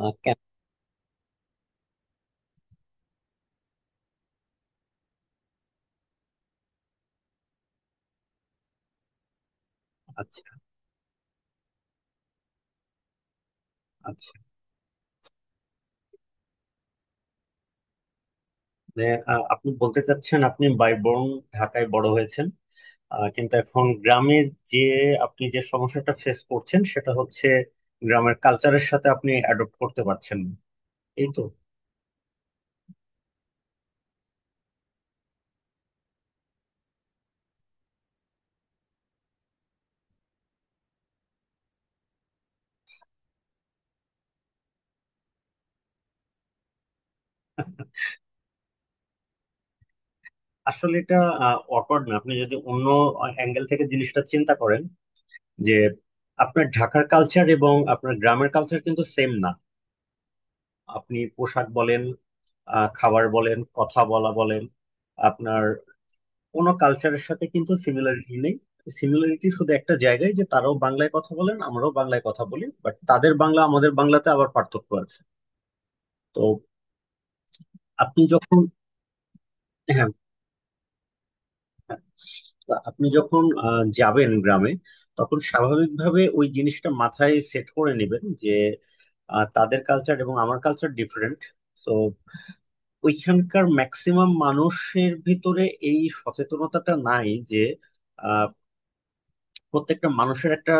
কেন। আচ্ছা, আচ্ছা। মানে আপনি বলতে চাচ্ছেন আপনি বাইবর্ন ঢাকায় বড় হয়েছেন। কিন্তু এখন গ্রামে যে আপনি যে সমস্যাটা ফেস করছেন সেটা হচ্ছে গ্রামের কালচারের সাথে আপনি অ্যাডপ্ট করতে পারছেন না। এই তো। আসলে এটা অকওয়ার্ড না, আপনি যদি অন্য অ্যাঙ্গেল থেকে জিনিসটা চিন্তা করেন যে আপনার ঢাকার কালচার এবং আপনার গ্রামের কালচার কিন্তু সেম না। আপনি পোশাক বলেন, খাবার বলেন, কথা বলা বলেন, আপনার কোনো কালচারের সাথে কিন্তু সিমিলারিটি নেই। সিমিলারিটি শুধু একটা জায়গায়, যে তারাও বাংলায় কথা বলেন আমরাও বাংলায় কথা বলি, বাট তাদের বাংলা আমাদের বাংলাতে আবার পার্থক্য আছে। তো আপনি যখন হ্যাঁ। তো আপনি যখন যাবেন গ্রামে, তখন স্বাভাবিকভাবে ওই জিনিসটা মাথায় সেট করে নেবেন যে তাদের কালচার এবং আমার কালচার ডিফারেন্ট। সো ওইখানকার ম্যাক্সিমাম মানুষের ভিতরে এই সচেতনতাটা নাই যে প্রত্যেকটা মানুষের একটা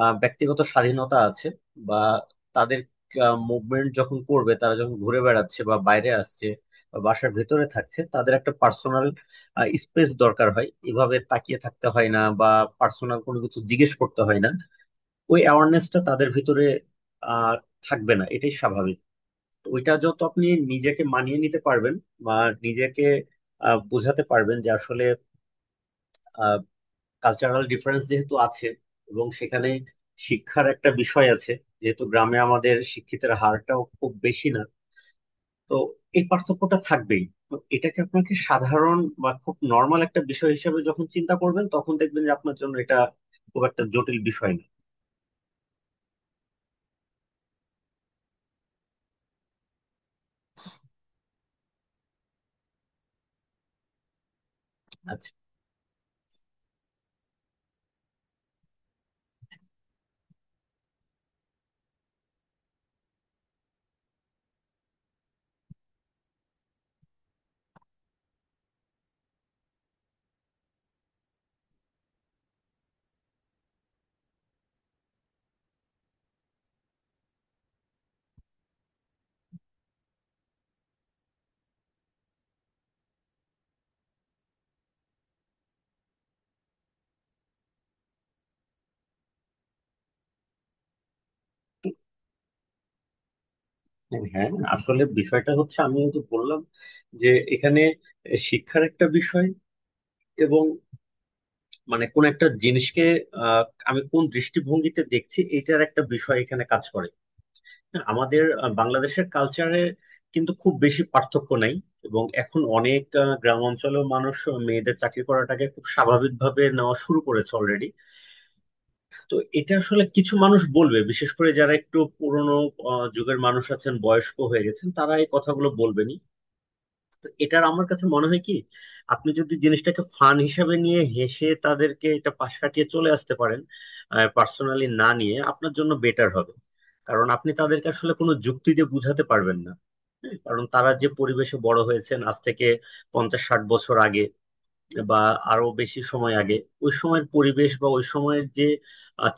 ব্যক্তিগত স্বাধীনতা আছে, বা তাদের মুভমেন্ট যখন করবে, তারা যখন ঘুরে বেড়াচ্ছে বা বাইরে আসছে বা বাসার ভেতরে থাকছে, তাদের একটা পার্সোনাল স্পেস দরকার হয়, এভাবে তাকিয়ে থাকতে হয় না বা পার্সোনাল কোনো কিছু জিজ্ঞেস করতে হয় না। ওই অ্যাওয়ারনেসটা তাদের ভিতরে আহ থাকবে না, এটাই স্বাভাবিক। তো ওইটা যত আপনি নিজেকে মানিয়ে নিতে পারবেন বা নিজেকে বোঝাতে পারবেন যে আসলে কালচারাল ডিফারেন্স যেহেতু আছে এবং সেখানে শিক্ষার একটা বিষয় আছে, যেহেতু গ্রামে আমাদের শিক্ষিতের হারটাও খুব বেশি না, তো এই পার্থক্যটা থাকবেই। তো এটাকে আপনাকে সাধারণ বা খুব নর্মাল একটা বিষয় হিসেবে যখন চিন্তা করবেন, তখন দেখবেন যে আপনার জন্য এটা খুব একটা জটিল বিষয় না। আচ্ছা। হ্যাঁ, আসলে বিষয়টা হচ্ছে, আমি তো বললাম যে এখানে শিক্ষার একটা বিষয়, এবং মানে কোন একটা জিনিসকে আহ, আমি কোন দৃষ্টিভঙ্গিতে দেখছি, এটার একটা বিষয় এখানে কাজ করে। না, আমাদের বাংলাদেশের কালচারের কিন্তু খুব বেশি পার্থক্য নাই, এবং এখন অনেক গ্রাম অঞ্চলেও মানুষ মেয়েদের চাকরি করাটাকে খুব স্বাভাবিকভাবে নেওয়া শুরু করেছে অলরেডি। তো এটা আসলে কিছু মানুষ বলবে, বিশেষ করে যারা একটু পুরনো যুগের মানুষ আছেন, বয়স্ক হয়ে গেছেন, তারা এই কথাগুলো বলবেনই। তো এটার আমার কাছে মনে হয় কি, আপনি যদি জিনিসটাকে ফান হিসাবে নিয়ে হেসে তাদেরকে এটা পাশ কাটিয়ে চলে আসতে পারেন, পার্সোনালি না নিয়ে, আপনার জন্য বেটার হবে। কারণ আপনি তাদেরকে আসলে কোনো যুক্তি দিয়ে বুঝাতে পারবেন না। হ্যাঁ, কারণ তারা যে পরিবেশে বড় হয়েছেন আজ থেকে 50-60 বছর আগে বা আরো বেশি সময় আগে, ওই সময়ের পরিবেশ বা ওই সময়ের যে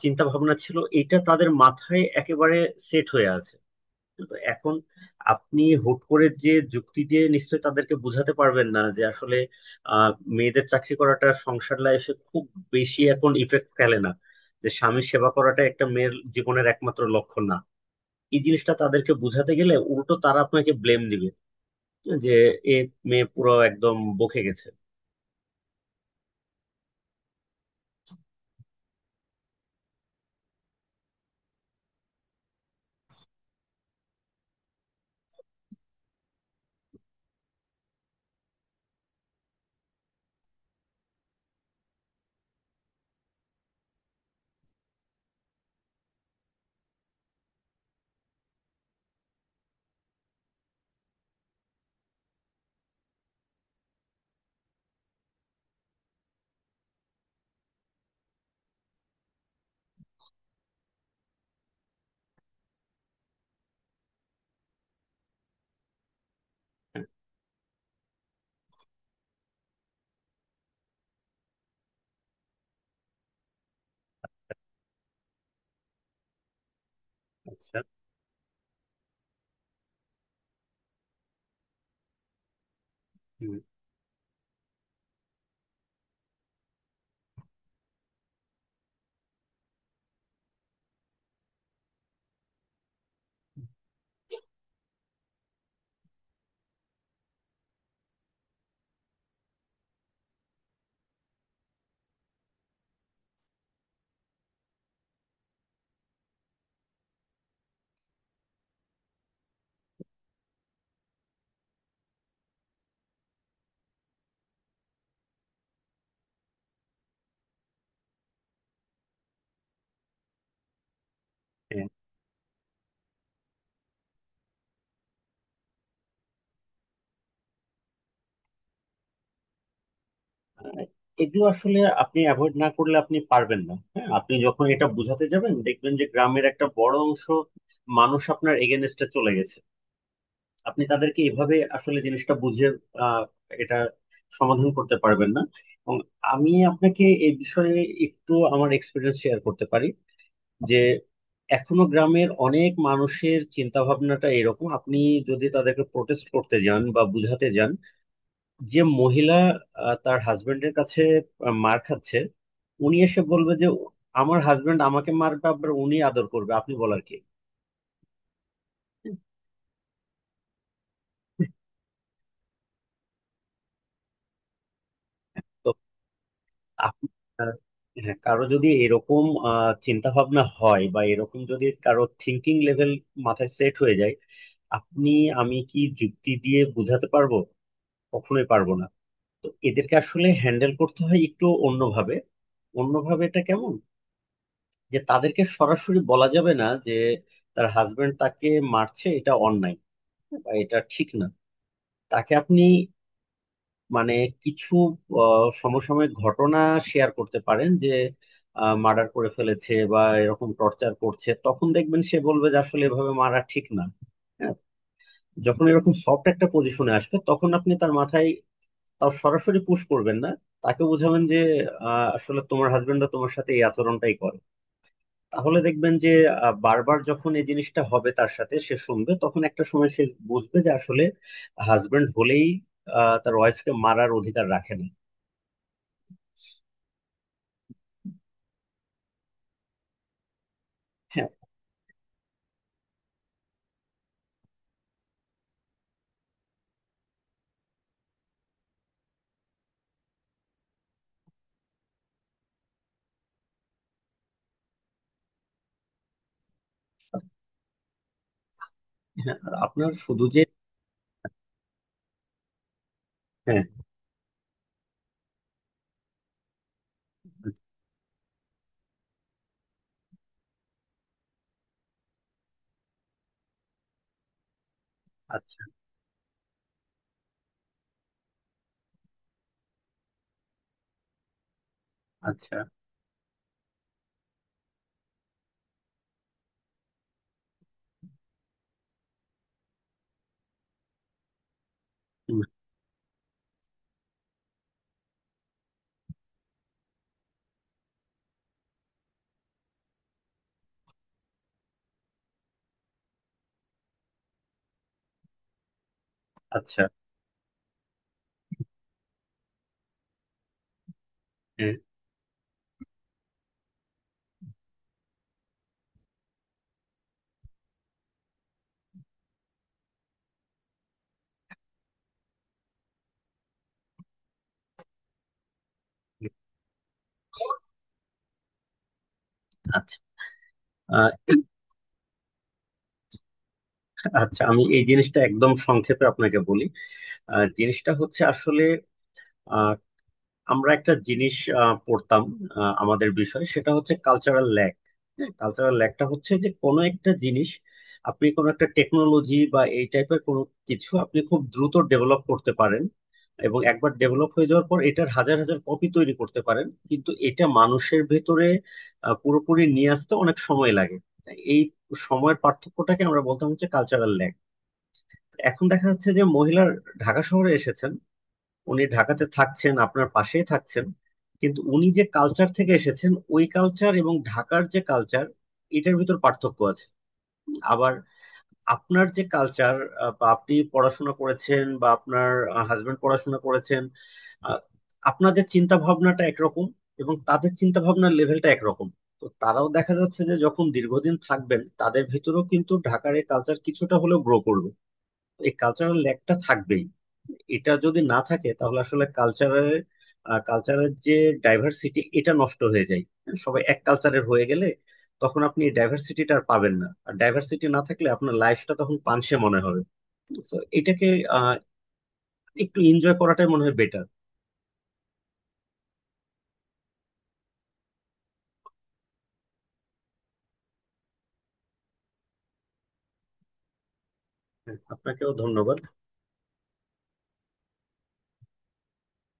চিন্তা ভাবনা ছিল এটা তাদের মাথায় একেবারে সেট হয়ে আছে। তো এখন আপনি হুট করে যে যুক্তি দিয়ে নিশ্চয়ই তাদেরকে বোঝাতে পারবেন না যে আসলে আহ, মেয়েদের চাকরি করাটা সংসার লাইফে খুব বেশি এখন ইফেক্ট ফেলে না, যে স্বামীর সেবা করাটা একটা মেয়ের জীবনের একমাত্র লক্ষ্য না। এই জিনিসটা তাদেরকে বোঝাতে গেলে উল্টো তারা আপনাকে ব্লেম দিবে যে এ মেয়ে পুরো একদম বকে গেছে। হ্যাঁ, আচ্ছা। হুম। হ্যাঁ। আহ, এগুলো আসলে আপনি অ্যাভয়েড না করলে আপনি পারবেন না। হ্যাঁ, আপনি যখন এটা বোঝাতে যাবেন, দেখবেন যে গ্রামের একটা বড় অংশ মানুষ আপনার এগেনস্টে চলে গেছে। আপনি তাদেরকে এভাবে আসলে জিনিসটা বুঝিয়ে আহ, এটা সমাধান করতে পারবেন না। এবং আমি আপনাকে এই বিষয়ে একটু আমার এক্সপিরিয়েন্স শেয়ার করতে পারি, যে এখনো গ্রামের অনেক মানুষের চিন্তা ভাবনাটা এরকম। আপনি যদি তাদেরকে প্রোটেস্ট করতে যান বা বুঝাতে যান যে মহিলা তার হাজবেন্ডের কাছে মার খাচ্ছে, উনি এসে বলবে যে আমার হাজবেন্ড আমাকে মারবে আবার উনি আদর করবে, আপনি বলার কি। তো আপনি আহ, হ্যাঁ, কারো যদি এরকম চিন্তা ভাবনা হয় বা এরকম যদি কারো থিঙ্কিং লেভেল মাথায় সেট হয়ে যায়, আপনি, আমি কি যুক্তি দিয়ে বোঝাতে পারবো? কখনোই পারবো না। তো এদেরকে আসলে হ্যান্ডেল করতে হয় একটু অন্যভাবে। অন্যভাবে এটা কেমন, যে তাদেরকে সরাসরি বলা যাবে না যে তার হাজবেন্ড তাকে মারছে এটা অন্যায় বা এটা ঠিক না। তাকে আপনি মানে কিছু সমসাময়িক ঘটনা শেয়ার করতে পারেন, যে মার্ডার করে ফেলেছে বা এরকম টর্চার করছে, তখন দেখবেন সে বলবে যে আসলে এভাবে মারা ঠিক না। হ্যাঁ, যখন এরকম সফট একটা পজিশনে আসবে, তখন আপনি তার মাথায় তাও সরাসরি পুশ করবেন না। তাকে বোঝাবেন যে আসলে তোমার হাজবেন্ডরা তোমার সাথে এই আচরণটাই করে। তাহলে দেখবেন যে বারবার যখন এই জিনিসটা হবে তার সাথে, সে শুনবে, তখন একটা সময় সে বুঝবে যে আসলে হাজবেন্ড হলেই তার ওয়াইফকে মারার অধিকার রাখে না। হ্যাঁ। হ্যাঁ, আর আপনার শুধু যে হ্যাঁ, আচ্ছা, আচ্ছা, হুম, আচ্ছা, হ্যাঁ, হুম, আচ্ছা। আহ, আচ্ছা, আমি এই জিনিসটা একদম সংক্ষেপে আপনাকে বলি। জিনিসটা হচ্ছে আসলে আমরা একটা জিনিস পড়তাম আমাদের বিষয়, সেটা হচ্ছে কালচারাল ল্যাগ। হ্যাঁ, কালচারাল ল্যাগটা হচ্ছে যে কোনো একটা জিনিস, আপনি কোনো একটা টেকনোলজি বা এই টাইপের কোনো কিছু আপনি খুব দ্রুত ডেভেলপ করতে পারেন এবং একবার ডেভেলপ হয়ে যাওয়ার পর এটার হাজার হাজার কপি তৈরি করতে পারেন, কিন্তু এটা মানুষের ভেতরে পুরোপুরি নিয়ে আসতে অনেক সময় লাগে। তাই এই সময়ের পার্থক্যটাকে আমরা বলতাম হচ্ছে কালচারাল ল্যাগ। এখন দেখা যাচ্ছে যে মহিলার ঢাকা শহরে এসেছেন, উনি ঢাকাতে থাকছেন, আপনার পাশেই থাকছেন, কিন্তু উনি যে কালচার থেকে এসেছেন ওই কালচার এবং ঢাকার যে কালচার, এটার ভিতর পার্থক্য আছে। আবার আপনার যে কালচার, বা আপনি পড়াশোনা করেছেন বা আপনার হাজবেন্ড পড়াশোনা করেছেন, আহ, আপনাদের চিন্তা ভাবনাটা একরকম এবং তাদের চিন্তা ভাবনার লেভেলটা একরকম। তো তারাও দেখা যাচ্ছে যে যখন দীর্ঘদিন থাকবেন, তাদের ভিতরেও কিন্তু ঢাকার এই কালচার কিছুটা হলেও গ্রো করবে। এই কালচারাল ল্যাগটা থাকবেই। এটা যদি না থাকে তাহলে আসলে কালচারের কালচারের যে ডাইভার্সিটি, এটা নষ্ট হয়ে যায়। সবাই এক কালচারের হয়ে গেলে তখন আপনি এই ডাইভার্সিটিটা আর পাবেন না, আর ডাইভার্সিটি না থাকলে আপনার লাইফটা তখন পানসে মনে হবে। তো এটাকে আহ, একটু এনজয় করাটাই মনে হয় বেটার। আপনাকেও ধন্যবাদ।